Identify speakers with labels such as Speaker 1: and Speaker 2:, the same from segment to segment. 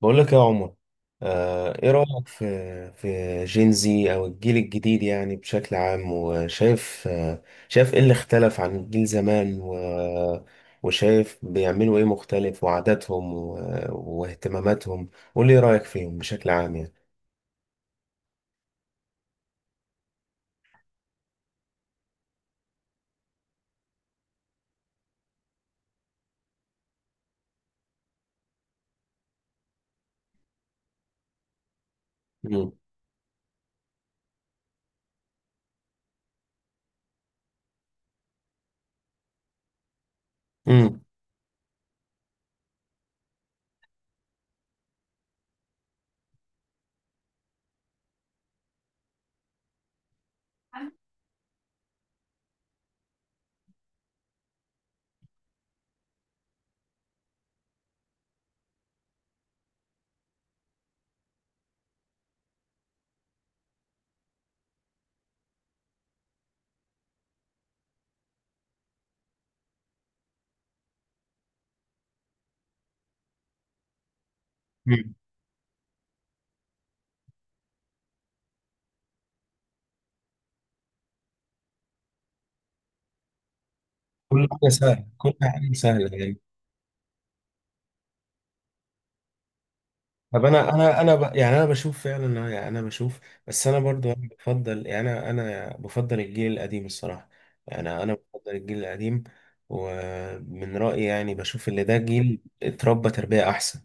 Speaker 1: بقول لك يا عمر. ايه رأيك في جينزي او الجيل الجديد يعني بشكل عام، وشايف شايف ايه اللي اختلف عن الجيل زمان وشايف بيعملوا ايه مختلف، وعاداتهم واهتماماتهم. قول لي ايه رأيك فيهم بشكل عام يعني. امم. امم. كل حاجة سهلة، كل حاجة سهلة يعني. طب يعني انا بشوف فعلا، يعني انا بشوف. بس انا برضو انا بفضل، يعني انا بفضل الجيل القديم الصراحه. يعني انا بفضل الجيل القديم. ومن رايي يعني بشوف ان ده جيل اتربى تربيه احسن،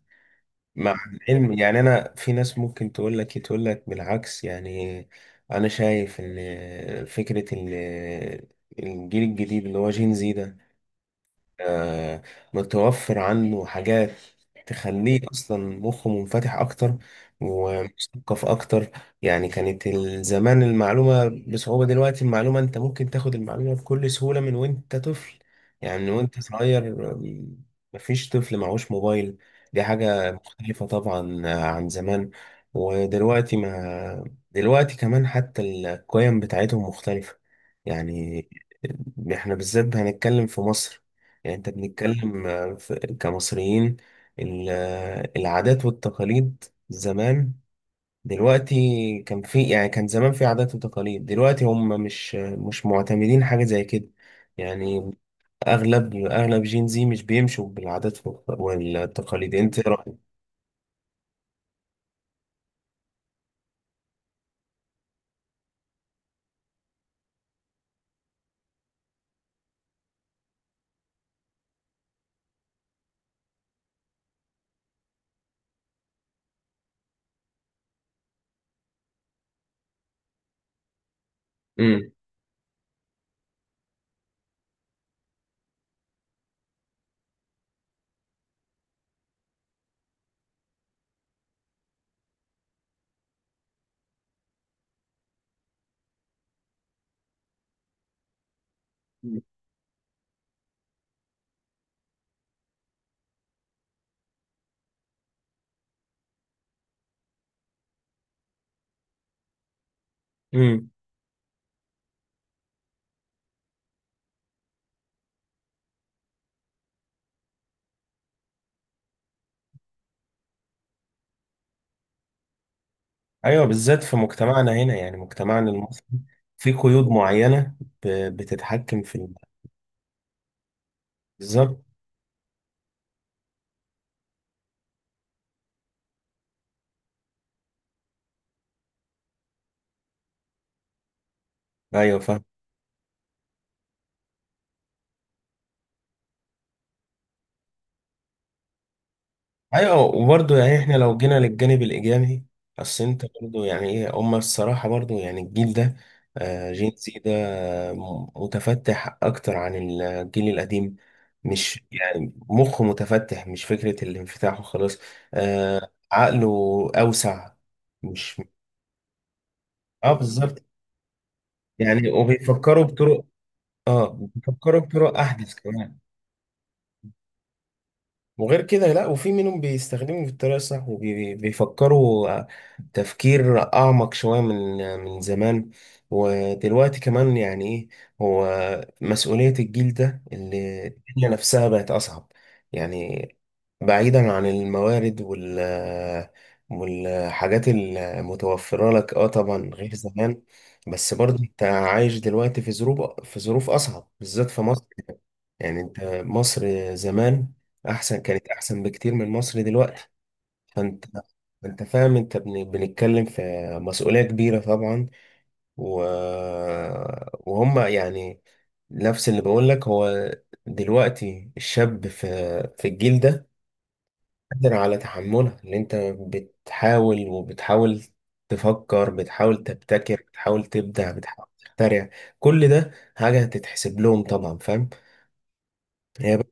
Speaker 1: مع العلم. يعني انا في ناس ممكن تقول لك بالعكس يعني. انا شايف ان فكره ان الجيل الجديد اللي هو جين زي ده، آه، متوفر عنه حاجات تخليه أصلا مخه منفتح أكتر ومثقف أكتر. يعني كانت زمان المعلومة بصعوبة، دلوقتي المعلومة أنت ممكن تاخد المعلومة بكل سهولة من وأنت طفل، يعني من وأنت صغير. مفيش طفل معهوش موبايل. دي حاجة مختلفة طبعا عن زمان. ودلوقتي ما، دلوقتي كمان حتى القيم بتاعتهم مختلفة يعني. احنا بالذات هنتكلم في مصر، يعني انت بنتكلم كمصريين. العادات والتقاليد زمان، دلوقتي كان في، يعني كان زمان في عادات وتقاليد. دلوقتي هم مش معتمدين حاجة زي كده يعني. اغلب جين زي مش بيمشوا بالعادات والتقاليد. انت ايه رأيك؟ امم. امم. ايوه، بالذات في مجتمعنا هنا، يعني مجتمعنا المصري في قيود معينة ب- بتتحكم في بالظبط. ايوه فاهم. ايوه، وبرضه يعني احنا لو جينا للجانب الايجابي. بس انت برضه يعني ايه هما، الصراحه برضه يعني الجيل ده، جين زي ده متفتح اكتر عن الجيل القديم. مش يعني مخه متفتح، مش فكره الانفتاح وخلاص، عقله اوسع. مش، اه بالظبط. يعني وبيفكروا بطرق، اه بيفكروا بطرق احدث كمان. وغير كده لا، وفي منهم بيستخدموا بالطريقة الصح وبيفكروا تفكير أعمق شوية من، من زمان. ودلوقتي كمان يعني إيه، هو مسؤولية الجيل ده اللي الدنيا نفسها بقت أصعب، يعني بعيدا عن الموارد والحاجات المتوفرة لك، اه طبعا غير زمان. بس برضه انت عايش دلوقتي في ظروف أصعب بالذات في مصر. يعني انت، مصر زمان احسن، كانت احسن بكتير من مصر دلوقتي. فانت، انت فاهم، انت بنتكلم في مسؤولية كبيرة طبعا، و... وهم يعني نفس اللي بقول لك. هو دلوقتي الشاب في، في الجيل ده قادر على تحملها، اللي انت بتحاول وبتحاول تفكر، بتحاول تبتكر، بتحاول تبدع، بتحاول تخترع. كل ده حاجة هتتحسب لهم طبعا، فاهم. هي بقى-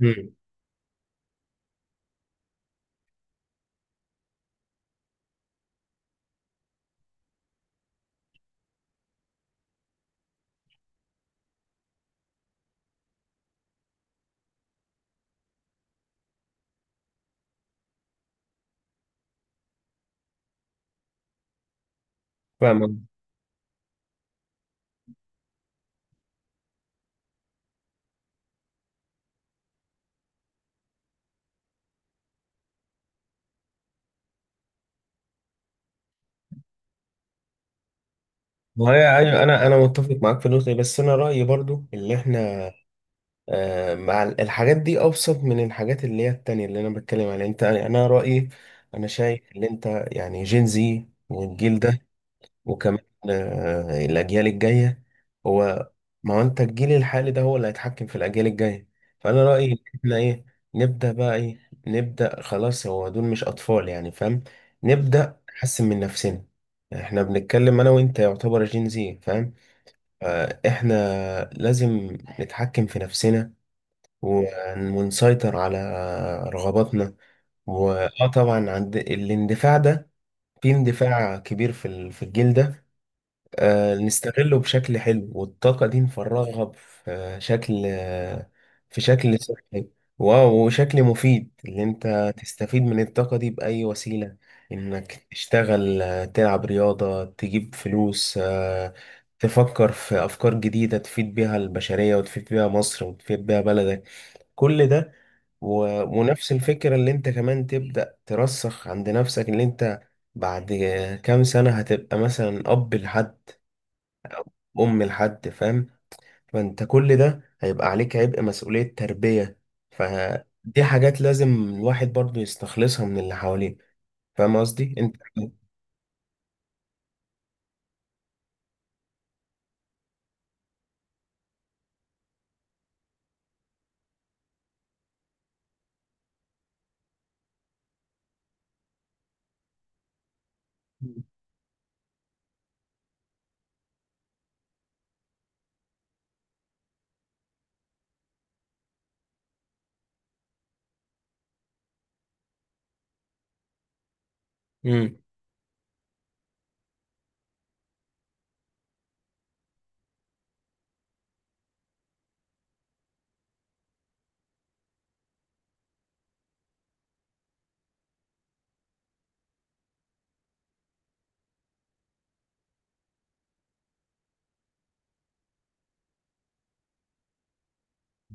Speaker 1: مم. فاهم. ما هي، ايوه، انا متفق معاك في النقطه دي. بس انا رايي برضو اللي احنا مع الحاجات دي ابسط من الحاجات اللي هي التانية اللي انا بتكلم عليها، انت. انا رايي انا شايف ان انت، يعني جين زي والجيل ده، وكمان الأجيال الجاية هو، ما هو أنت الجيل الحالي ده هو اللي هيتحكم في الأجيال الجاية. فأنا رأيي إن إحنا إيه، نبدأ بقى إيه، نبدأ خلاص، هو دول مش أطفال يعني، فاهم. نبدأ نحسن من نفسنا. إحنا بنتكلم أنا وأنت يعتبر جين زي، فاهم. إحنا لازم نتحكم في نفسنا ونسيطر على رغباتنا. وآه طبعا عند الاندفاع ده، في اندفاع كبير في في الجيل ده، نستغله بشكل حلو والطاقة دي نفرغها في شكل، في شكل صحي واو وشكل مفيد اللي انت تستفيد من الطاقة دي بأي وسيلة، انك تشتغل، تلعب رياضة، تجيب فلوس، تفكر في أفكار جديدة تفيد بيها البشرية وتفيد بيها مصر وتفيد بيها بلدك. كل ده، و... ونفس الفكرة اللي انت كمان تبدأ ترسخ عند نفسك، اللي انت بعد كام سنة هتبقى مثلا أب لحد، ام لحد، فاهم. فانت كل ده هيبقى عليك عبء مسؤولية تربية. فدي حاجات لازم الواحد برضو يستخلصها من اللي حواليه، فاهم قصدي انت. امم.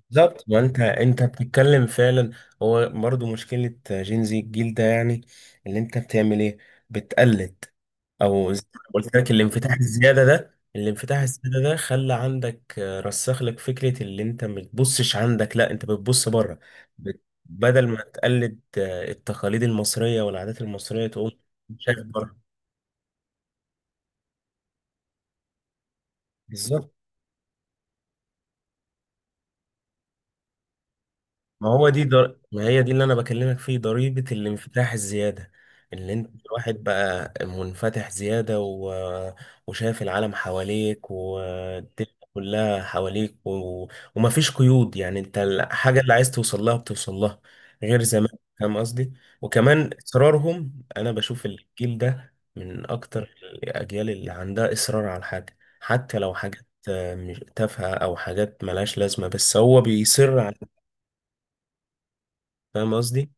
Speaker 1: بالظبط، ما انت بتتكلم فعلا، هو برضو مشكلة جين زي الجيل ده يعني. اللي انت بتعمل ايه، بتقلد. او زي ما قلت لك، الانفتاح الزياده ده الانفتاح الزياده ده خلى عندك، رسخ لك فكره اللي انت ما بتبصش عندك، لا انت بتبص بره. بدل ما تقلد التقاليد المصريه والعادات المصريه، تقوم شايف بره. بالظبط. ما هي دي اللي انا بكلمك فيه، ضريبة الانفتاح الزيادة، اللي انت الواحد بقى منفتح زيادة، وشايف العالم حواليك والدنيا كلها حواليك، ومفيش قيود، يعني انت الحاجة اللي عايز توصل لها بتوصل لها غير زمان. فاهم قصدي. وكمان اصرارهم، انا بشوف الجيل ده من اكتر الاجيال اللي عندها اصرار على الحاجة، حتى لو حاجات تافهة او حاجات ملهاش لازمة، بس هو بيصر على. فاهم قصدي.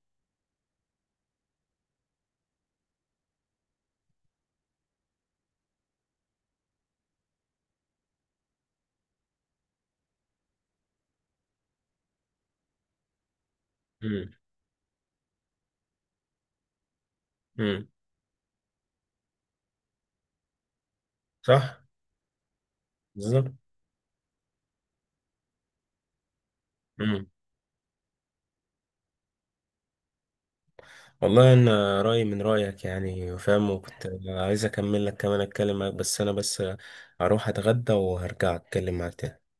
Speaker 1: امم. امم. صح. بالظبط. امم. والله انا رايي من رايك يعني، فاهم، وكنت عايز اكمل لك كمان اتكلم معاك، بس انا بس اروح اتغدى وهرجع اتكلم معاك تاني.